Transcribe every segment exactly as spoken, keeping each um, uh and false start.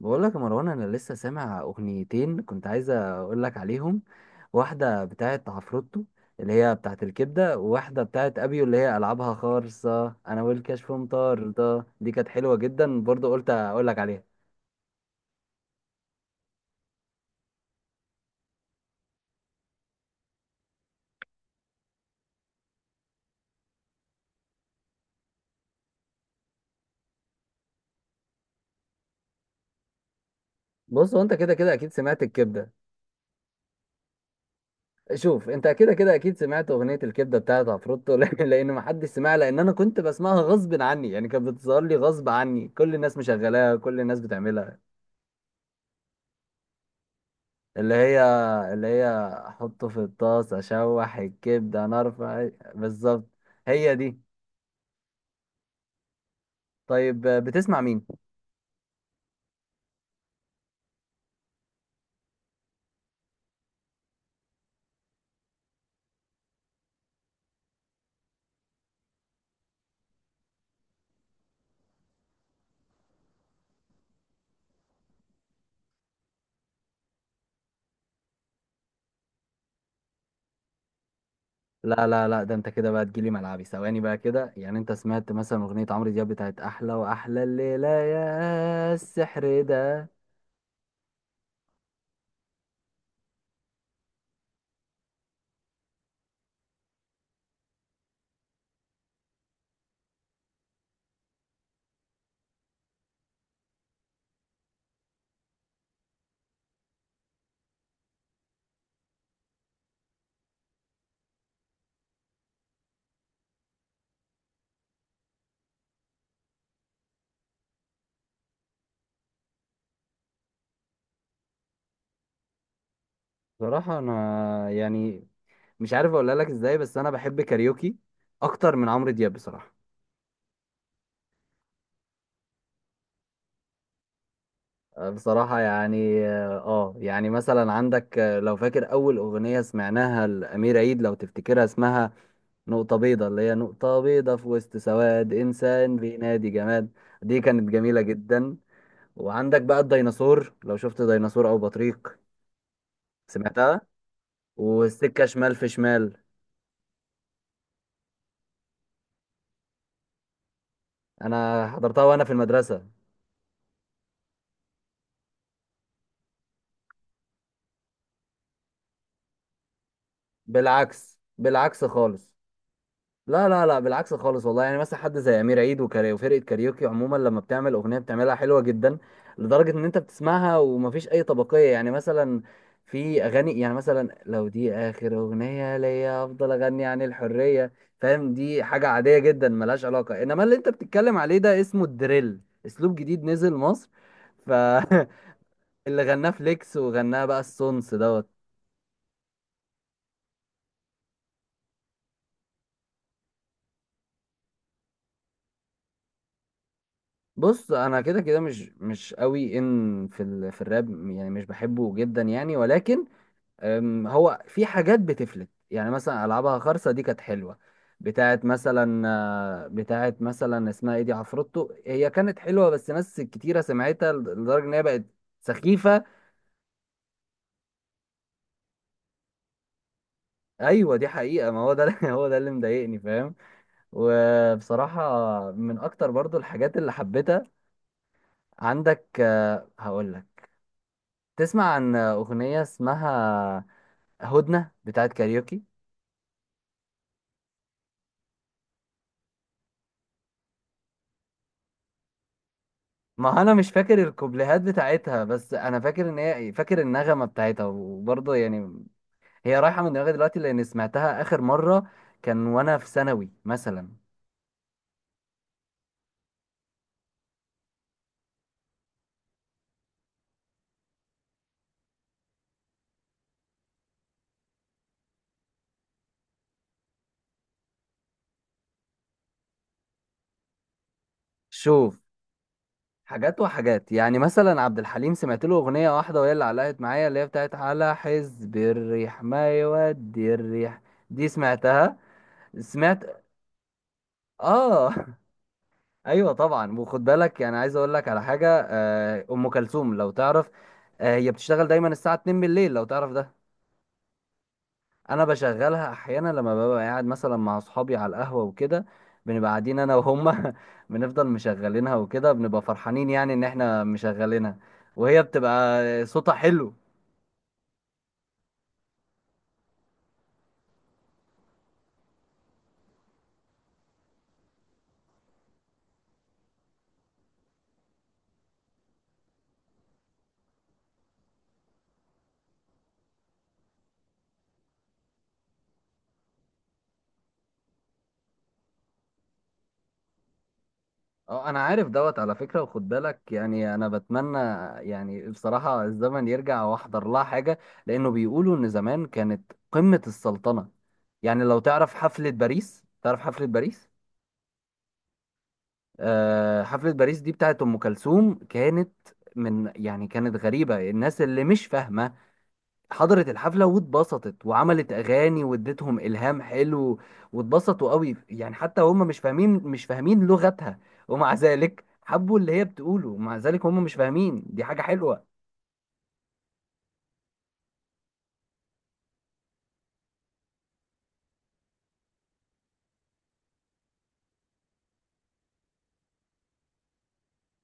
بقول لك يا مروان، انا لسه سامع اغنيتين كنت عايز اقول لك عليهم. واحده بتاعه عفروتو اللي هي بتاعه الكبده، وواحده بتاعه ابيو اللي هي العابها خالصه انا والكشف مطار ده. دي كانت حلوه جدا برضو، قلت اقول لك عليها. بص، هو انت كده كده اكيد سمعت الكبده. شوف، انت كده كده اكيد سمعت اغنيه الكبده بتاعه عفروتو لان ما حدش سمعها، لان انا كنت بسمعها غصب عني. يعني كانت بتظهر لي غصب عني، كل الناس مشغلاها، كل الناس بتعملها. اللي هي اللي هي احطه في الطاس اشوح الكبده نرفع. بالظبط، هي دي. طيب بتسمع مين؟ لا لا لا ده انت كده بقى تجيلي ملعبي ثواني بقى كده. يعني انت سمعت مثلا اغنيه عمرو دياب بتاعت احلى، واحلى الليله يا السحر ده؟ بصراحه انا يعني مش عارف اقولها لك ازاي، بس انا بحب كاريوكي اكتر من عمرو دياب بصراحه. بصراحة يعني اه، يعني مثلا عندك آه، لو فاكر أول أغنية سمعناها لأمير عيد، لو تفتكرها اسمها نقطة بيضة، اللي هي نقطة بيضة في وسط سواد، إنسان بينادي جماد. دي كانت جميلة جدا. وعندك بقى الديناصور، لو شفت ديناصور أو بطريق. سمعتها. والسكة شمال في شمال. أنا حضرتها وأنا في المدرسة. بالعكس، بالعكس خالص. لا لا لا، بالعكس خالص والله. يعني مثلا حد زي امير عيد وكاري، وفرقه كاريوكي عموما، لما بتعمل اغنيه بتعملها حلوه جدا، لدرجه ان انت بتسمعها ومفيش اي طبقيه. يعني مثلا في اغاني، يعني مثلا لو دي اخر اغنيه ليا افضل اغني عن الحريه. فاهم؟ دي حاجه عاديه جدا ملهاش علاقه. انما اللي انت بتتكلم عليه ده اسمه الدريل، اسلوب جديد نزل مصر. ف اللي غناه فليكس، وغناه بقى السونس دوت. بص، انا كده كده مش مش قوي ان في ال... في الراب، يعني مش بحبه جدا يعني، ولكن أم، هو في حاجات بتفلت. يعني مثلا العابها خرصه دي كانت حلوه، بتاعت مثلا، آه، بتاعت مثلا اسمها ايه دي، عفروتو. هي كانت حلوه، بس ناس كتيره سمعتها لدرجه ان هي بقت سخيفه. ايوه، دي حقيقه، ما هو ده اللي- هو ده اللي مضايقني، فاهم؟ وبصراحه، من اكتر برضو الحاجات اللي حبيتها عندك، هقول لك. تسمع عن اغنيه اسمها هدنة بتاعت كاريوكي؟ ما انا مش فاكر الكوبليهات بتاعتها، بس انا فاكر ان هي إيه، فاكر النغمة بتاعتها. وبرضه يعني هي رايحة من دماغي دلوقتي، لان سمعتها اخر مرة كان وانا في ثانوي مثلا. شوف، حاجات وحاجات. يعني مثلا عبد الحليم سمعت له اغنية واحدة وهي اللي علقت معايا، اللي هي بتاعت على حزب الريح ما يودي الريح. دي سمعتها. سمعت. اه ايوه طبعا. وخد بالك يعني، عايز اقول لك على حاجه، آه، ام كلثوم لو تعرف، آه، هي بتشتغل دايما الساعه اتنين بالليل، لو تعرف ده. انا بشغلها احيانا لما ببقى قاعد مثلا مع اصحابي على القهوه وكده، بنبقى قاعدين انا وهم بنفضل مشغلينها، وكده بنبقى فرحانين يعني ان احنا مشغلينها، وهي بتبقى صوتها حلو. اه، انا عارف دوت على فكرة. وخد بالك يعني، انا بتمنى يعني بصراحة الزمن يرجع واحضر لها حاجة، لانه بيقولوا ان زمان كانت قمة السلطنة. يعني لو تعرف حفلة باريس، تعرف حفلة باريس؟ آه، حفلة باريس دي بتاعت ام كلثوم كانت من، يعني كانت غريبة، الناس اللي مش فاهمة حضرت الحفلة واتبسطت وعملت أغاني واديتهم إلهام حلو، واتبسطوا قوي يعني. حتى هم مش فاهمين مش فاهمين لغتها، ومع ذلك حبوا اللي هي بتقوله، ومع ذلك هم مش فاهمين، دي حاجة حلوة.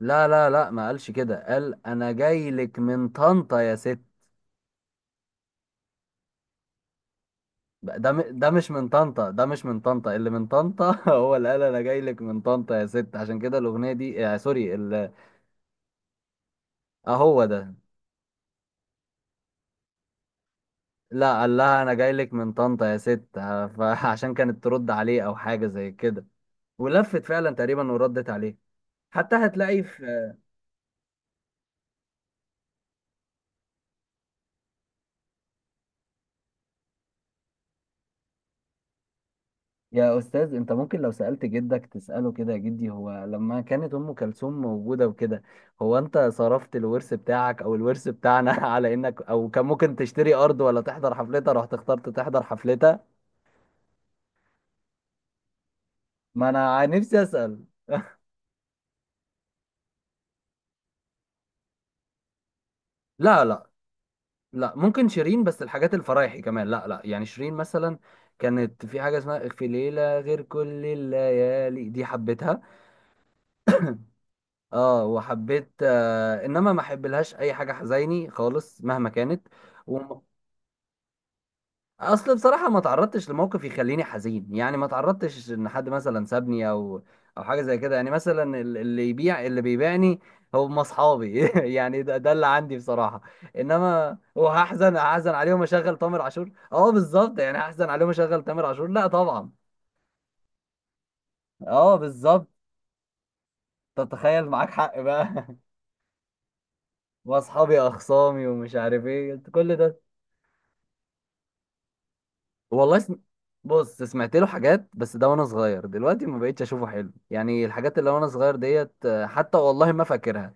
لا لا لا، ما قالش كده، قال أنا جاي لك من طنطا يا ست. ده م- ده مش من طنطا، ده مش من طنطا اللي من طنطا هو اللي قال أنا جاي لك من طنطا يا ست. عشان كده الأغنية دي آه سوري ال- آه هو ده. لا، قال لها انا جاي لك من طنطا يا ست، ه- فعشان كانت ترد عليه او حاجه زي كده. ولفت فعلا تقريبا وردت عليه. حتى هتلاقي في، يا استاذ انت ممكن لو سالت جدك تساله كده، يا جدي هو لما كانت ام كلثوم موجوده وكده، هو انت صرفت الورث بتاعك او الورث بتاعنا على انك، او كان ممكن تشتري ارض ولا تحضر حفلتها، رحت اخترت تحضر حفلتها. ما انا نفسي اسال لا لا لا. ممكن شيرين، بس الحاجات الفرايحي كمان، لا لا. يعني شيرين مثلا كانت في حاجة اسمها في ليلة غير كل الليالي، دي حبيتها. اه وحبيت آه، انما ما احبلهاش اي حاجة حزيني خالص مهما كانت. وما اصل بصراحه ما تعرضتش لموقف يخليني حزين. يعني ما تعرضتش ان حد مثلا سابني، او او حاجه زي كده. يعني مثلا ال- اللي يبيع اللي بيبيعني هم اصحابي يعني ده, ده اللي عندي بصراحه. انما وهحزن هحزن عليهم اشغل تامر عاشور؟ اه بالظبط، يعني هحزن عليهم اشغل تامر عاشور؟ لا طبعا. اه بالظبط، تتخيل؟ معاك حق بقى. واصحابي اخصامي ومش عارف ايه كل ده. والله سم... بص سمعت له حاجات، بس ده وانا صغير. دلوقتي ما بقتش اشوفه حلو. يعني الحاجات اللي وانا صغير ديت، آه، حتى والله ما فاكرها.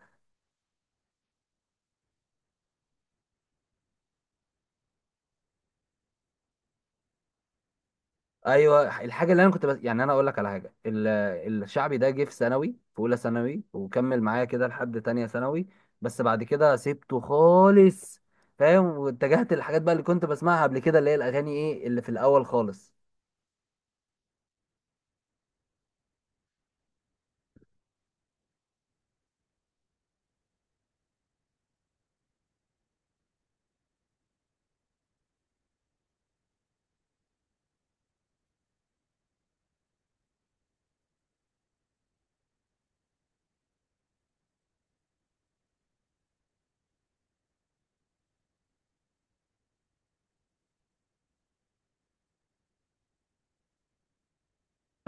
ايوه، الحاجه اللي انا كنت بس... يعني انا اقول لك على حاجه، ال... الشعبي ده جه في ثانوي، في اولى ثانوي، وكمل معايا كده لحد تانية ثانوي، بس بعد كده سبته خالص. فاهم؟ واتجهت للحاجات بقى اللي كنت بسمعها قبل كده، اللي هي الاغاني ايه اللي في الاول خالص.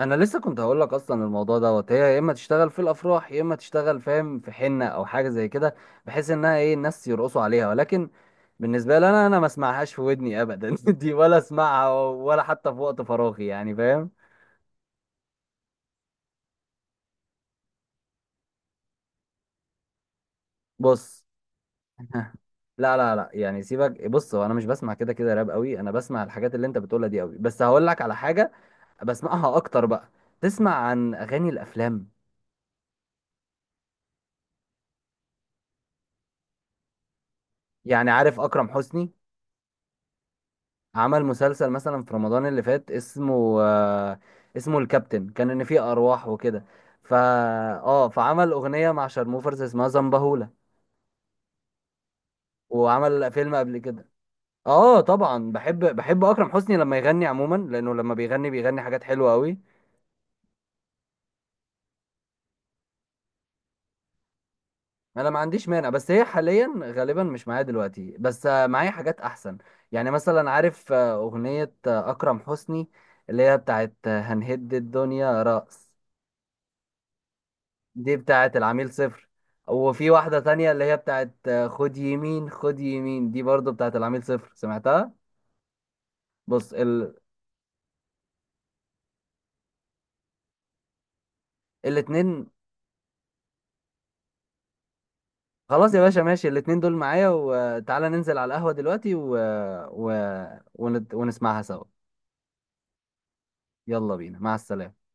انا لسه كنت هقول لك اصلا، الموضوع دوت هي يا اما تشتغل في الافراح، يا اما تشتغل فاهم في حنه او حاجه زي كده، بحيث انها ايه الناس يرقصوا عليها. ولكن بالنسبه لي، انا انا ما اسمعهاش في ودني ابدا دي، ولا اسمعها ولا حتى في وقت فراغي، يعني فاهم. بص لا لا لا، يعني سيبك. بص، هو انا مش بسمع كده كده راب قوي، انا بسمع الحاجات اللي انت بتقولها دي قوي، بس هقول لك على حاجه بسمعها اكتر بقى. تسمع عن اغاني الافلام؟ يعني عارف اكرم حسني عمل مسلسل مثلا في رمضان اللي فات اسمه آه، اسمه الكابتن، كان ان فيه ارواح وكده. فا اه، فعمل اغنيه مع شارموفرز اسمها زنبهولة، وعمل فيلم قبل كده. اه طبعا بحب، بحب اكرم حسني لما يغني عموما، لانه لما بيغني بيغني حاجات حلوه قوي. انا ما عنديش مانع، بس هي حاليا غالبا مش معايا دلوقتي. بس آه، معايا حاجات احسن. يعني مثلا عارف آه، اغنيه آه، اكرم حسني اللي هي بتاعت آه، هنهد الدنيا رأس، دي بتاعت العميل صفر. وفي واحدة تانية اللي هي بتاعت آه، خد يمين خد يمين، دي برضو بتاعت العميل صفر، سمعتها. بص ال... الاتنين. خلاص يا باشا، ماشي، الاتنين دول معايا، وتعالى ننزل على القهوة دلوقتي و... و... ونت... ونسمعها سوا. يلا بينا، مع السلامة.